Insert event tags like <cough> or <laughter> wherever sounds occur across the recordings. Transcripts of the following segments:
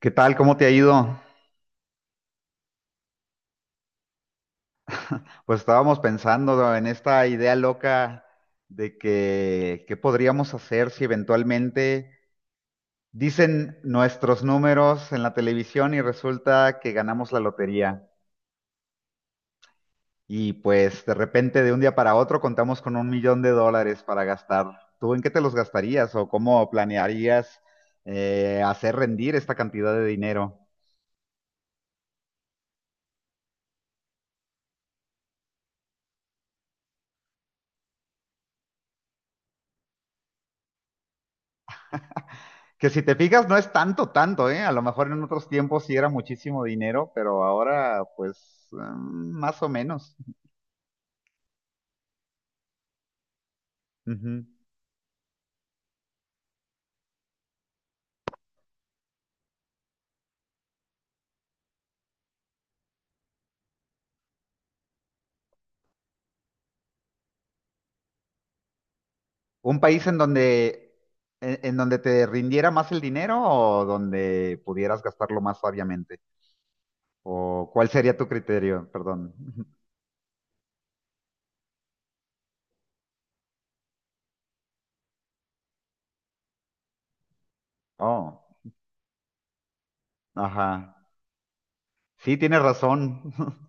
¿Qué tal? ¿Cómo te ha ido? Pues estábamos pensando en esta idea loca de que qué podríamos hacer si eventualmente dicen nuestros números en la televisión y resulta que ganamos la lotería. Y pues de repente de un día para otro contamos con $1,000,000 para gastar. ¿Tú en qué te los gastarías o cómo planearías hacer rendir esta cantidad de dinero? Que si te fijas, no es tanto, tanto, ¿eh? A lo mejor en otros tiempos sí era muchísimo dinero, pero ahora, pues, más o menos. Ujú. ¿Un país en donde, en donde te rindiera más el dinero o donde pudieras gastarlo más sabiamente? ¿O cuál sería tu criterio? Perdón. <laughs> Oh, ajá. Sí, tienes razón. <laughs>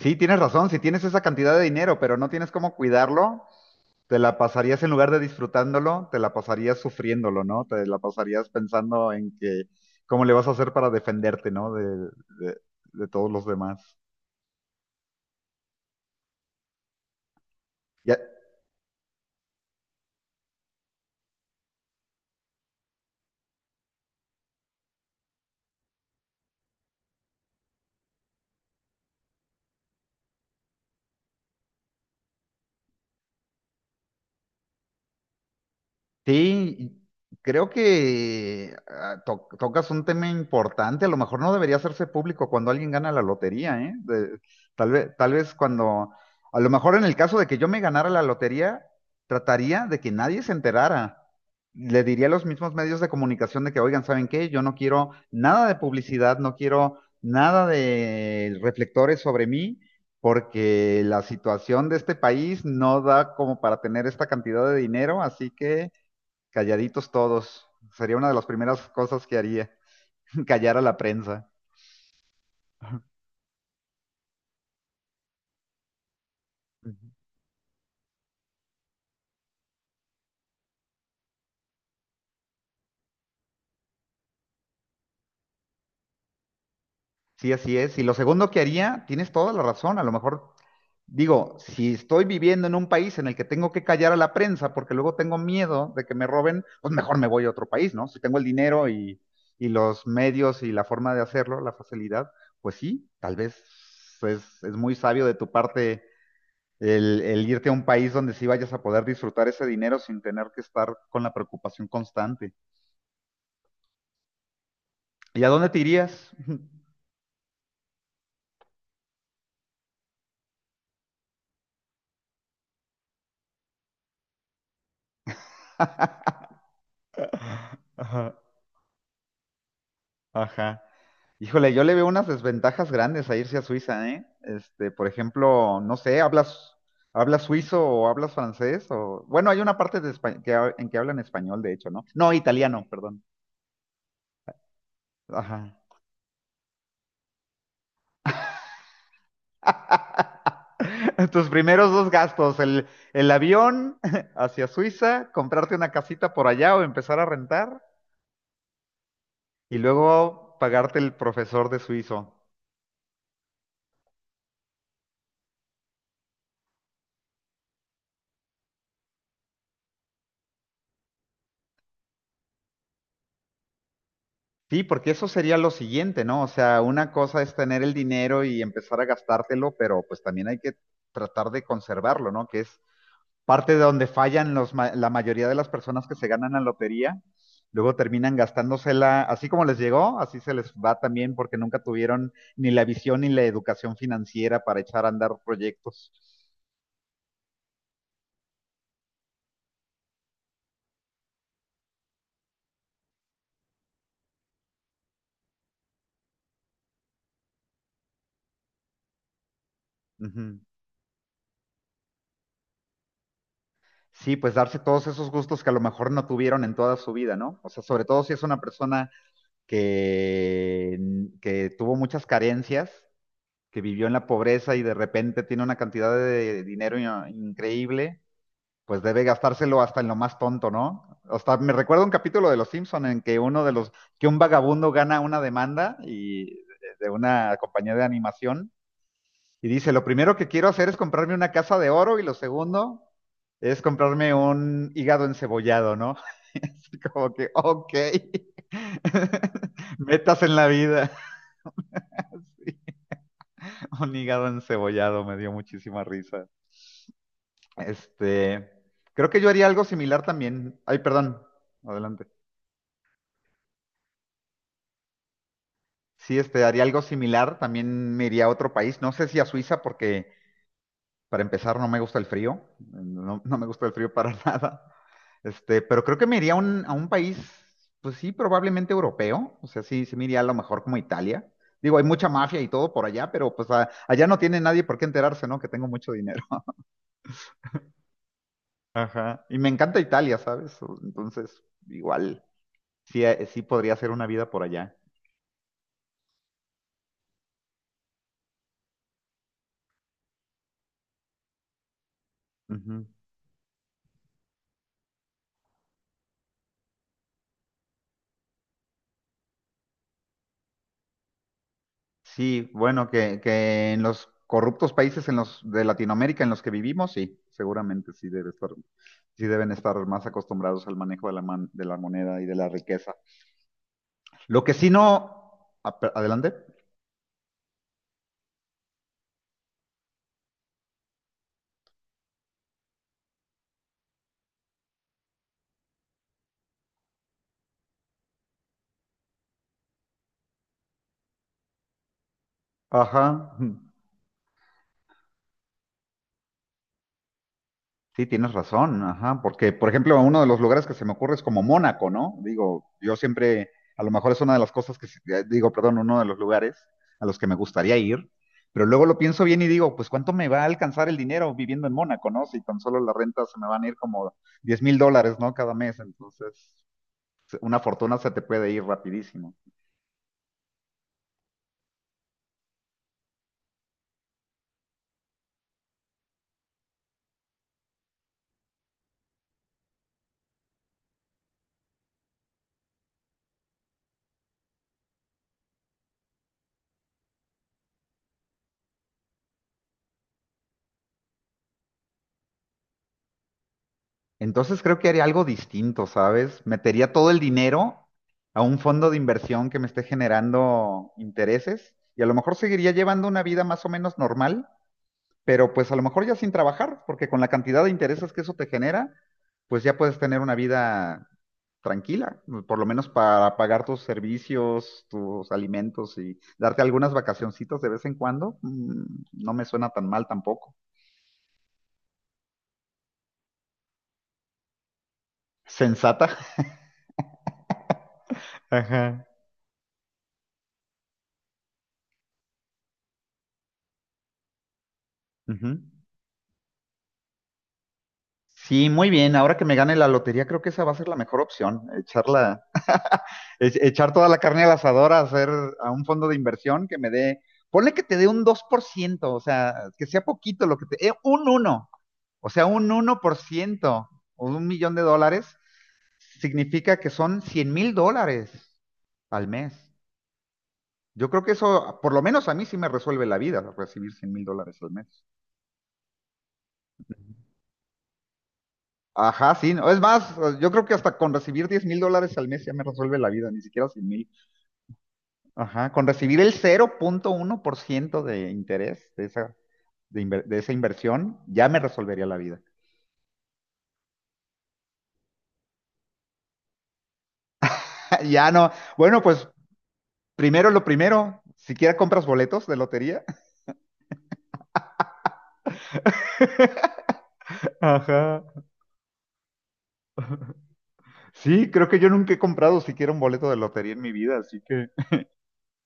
Sí, tienes razón. Si tienes esa cantidad de dinero, pero no tienes cómo cuidarlo, te la pasarías en lugar de disfrutándolo, te la pasarías sufriéndolo, ¿no? Te la pasarías pensando en que cómo le vas a hacer para defenderte, ¿no? De- de todos los demás. Y, Sí, creo que tocas un tema importante. A lo mejor no debería hacerse público cuando alguien gana la lotería, ¿eh? Tal vez, a lo mejor en el caso de que yo me ganara la lotería, trataría de que nadie se enterara. Le diría a los mismos medios de comunicación de que, oigan, ¿saben qué? Yo no quiero nada de publicidad, no quiero nada de reflectores sobre mí, porque la situación de este país no da como para tener esta cantidad de dinero, así que calladitos todos. Sería una de las primeras cosas que haría, <laughs> callar a la prensa. Sí, así es. Y lo segundo que haría, tienes toda la razón, a lo mejor digo, si estoy viviendo en un país en el que tengo que callar a la prensa porque luego tengo miedo de que me roben, pues mejor me voy a otro país, ¿no? Si tengo el dinero y los medios y la forma de hacerlo, la facilidad, pues sí, tal vez es muy sabio de tu parte el irte a un país donde sí vayas a poder disfrutar ese dinero sin tener que estar con la preocupación constante. ¿Y a dónde te irías? <laughs> Ajá, ajá. Híjole, yo le veo unas desventajas grandes a irse a Suiza, ¿eh? Este, por ejemplo, no sé, hablas suizo o hablas francés o, bueno, hay una parte de en que hablan español, de hecho, ¿no? No, italiano, perdón. Ajá. <laughs> Tus primeros dos gastos, el avión <laughs> hacia Suiza, comprarte una casita por allá o empezar a rentar y luego pagarte el profesor de suizo. Sí, porque eso sería lo siguiente, ¿no? O sea, una cosa es tener el dinero y empezar a gastártelo, pero pues también hay que tratar de conservarlo, ¿no? Que es parte de donde fallan la mayoría de las personas que se ganan la lotería. Luego terminan gastándosela, así como les llegó, así se les va también porque nunca tuvieron ni la visión ni la educación financiera para echar a andar proyectos. Ujú. Sí, pues darse todos esos gustos que a lo mejor no tuvieron en toda su vida, ¿no? O sea, sobre todo si es una persona que, que tuvo muchas carencias, que vivió en la pobreza y de repente tiene una cantidad de dinero increíble, pues debe gastárselo hasta en lo más tonto, ¿no? Hasta me recuerdo un capítulo de Los Simpson en que que un vagabundo gana una demanda de una compañía de animación y dice, lo primero que quiero hacer es comprarme una casa de oro y lo segundo es comprarme un hígado encebollado, ¿no? <laughs> Así como que, ok, <laughs> metas en la vida. <laughs> Un hígado encebollado me dio muchísima risa. Este, creo que yo haría algo similar también. Ay, perdón, adelante. Sí, este, haría algo similar. También me iría a otro país. No sé si a Suiza porque para empezar, no me gusta el frío. No, no me gusta el frío para <laughs> nada. Este, pero creo que me iría a a un país, pues sí, probablemente europeo. O sea, sí me iría a lo mejor como Italia. Digo, hay mucha mafia y todo por allá, pero pues allá no tiene nadie por qué enterarse, ¿no? Que tengo mucho dinero. <laughs> Ajá. Y me encanta Italia, ¿sabes? Entonces, igual, sí, sí podría hacer una vida por allá. Ujú. Sí, bueno, que en los corruptos países en los de Latinoamérica en los que vivimos, sí, seguramente sí debe estar, sí deben estar más acostumbrados al manejo de de la moneda y de la riqueza. Lo que sí no, adelante. Ajá. Sí, tienes razón, ajá, porque por ejemplo uno de los lugares que se me ocurre es como Mónaco, ¿no? Digo, yo siempre, a lo mejor es una de las cosas que, digo, perdón, uno de los lugares a los que me gustaría ir, pero luego lo pienso bien y digo, pues ¿cuánto me va a alcanzar el dinero viviendo en Mónaco, ¿no? Si tan solo la renta se me van a ir como $10,000, ¿no? Cada mes, entonces una fortuna se te puede ir rapidísimo. Entonces creo que haría algo distinto, ¿sabes? Metería todo el dinero a un fondo de inversión que me esté generando intereses y a lo mejor seguiría llevando una vida más o menos normal, pero pues a lo mejor ya sin trabajar, porque con la cantidad de intereses que eso te genera, pues ya puedes tener una vida tranquila, por lo menos para pagar tus servicios, tus alimentos y darte algunas vacacioncitas de vez en cuando. No me suena tan mal tampoco. Sensata. <laughs> Ajá. Ujú. Sí, muy bien. Ahora que me gane la lotería, creo que esa va a ser la mejor opción. Echarla, <laughs> echar toda la carne al asador, a hacer a un fondo de inversión que me dé, ponle que te dé un 2%, o sea, que sea poquito lo que te, un uno, o sea, un 1% o $1,000,000 significa que son $100,000 al mes. Yo creo que eso, por lo menos a mí sí me resuelve la vida, recibir $100,000 al mes. Ajá, sí, no, es más, yo creo que hasta con recibir $10,000 al mes ya me resuelve la vida, ni siquiera 100 mil. Ajá, con recibir el 0.1% de interés de esa, de esa inversión, ya me resolvería la vida. <laughs> Ya no, bueno, pues primero lo primero, siquiera compras boletos de lotería. <laughs> Ajá. Sí, creo que yo nunca he comprado siquiera un boleto de lotería en mi vida, así que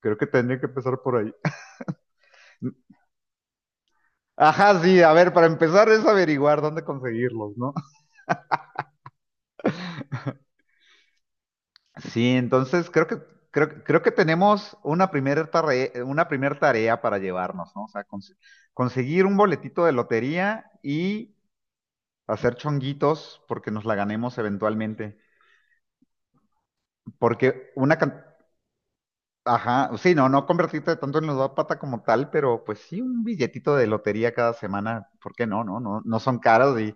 creo que tendría que empezar por ahí. <laughs> Ajá, sí, a ver, para empezar es averiguar dónde conseguirlos, ¿no? Sí, entonces creo que, creo que tenemos una primera tarea, una primer tarea para llevarnos, ¿no? O sea, conseguir un boletito de lotería y hacer chonguitos porque nos la ganemos eventualmente. Porque una, can- Ajá, sí, no, no convertirte tanto en ludópata como tal, pero pues sí, un billetito de lotería cada semana, ¿por qué no? No, no, no son caros y,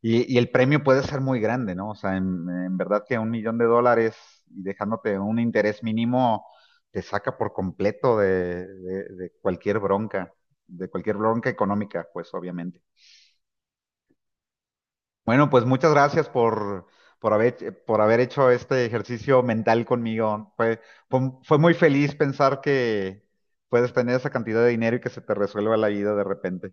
y el premio puede ser muy grande, ¿no? O sea, en verdad que un millón de dólares y dejándote un interés mínimo te saca por completo de, de cualquier bronca económica, pues obviamente. Bueno, pues muchas gracias por haber hecho este ejercicio mental conmigo. Fue muy feliz pensar que puedes tener esa cantidad de dinero y que se te resuelva la vida de repente.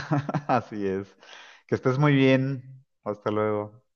<laughs> Así es. Que estés muy bien. Hasta luego.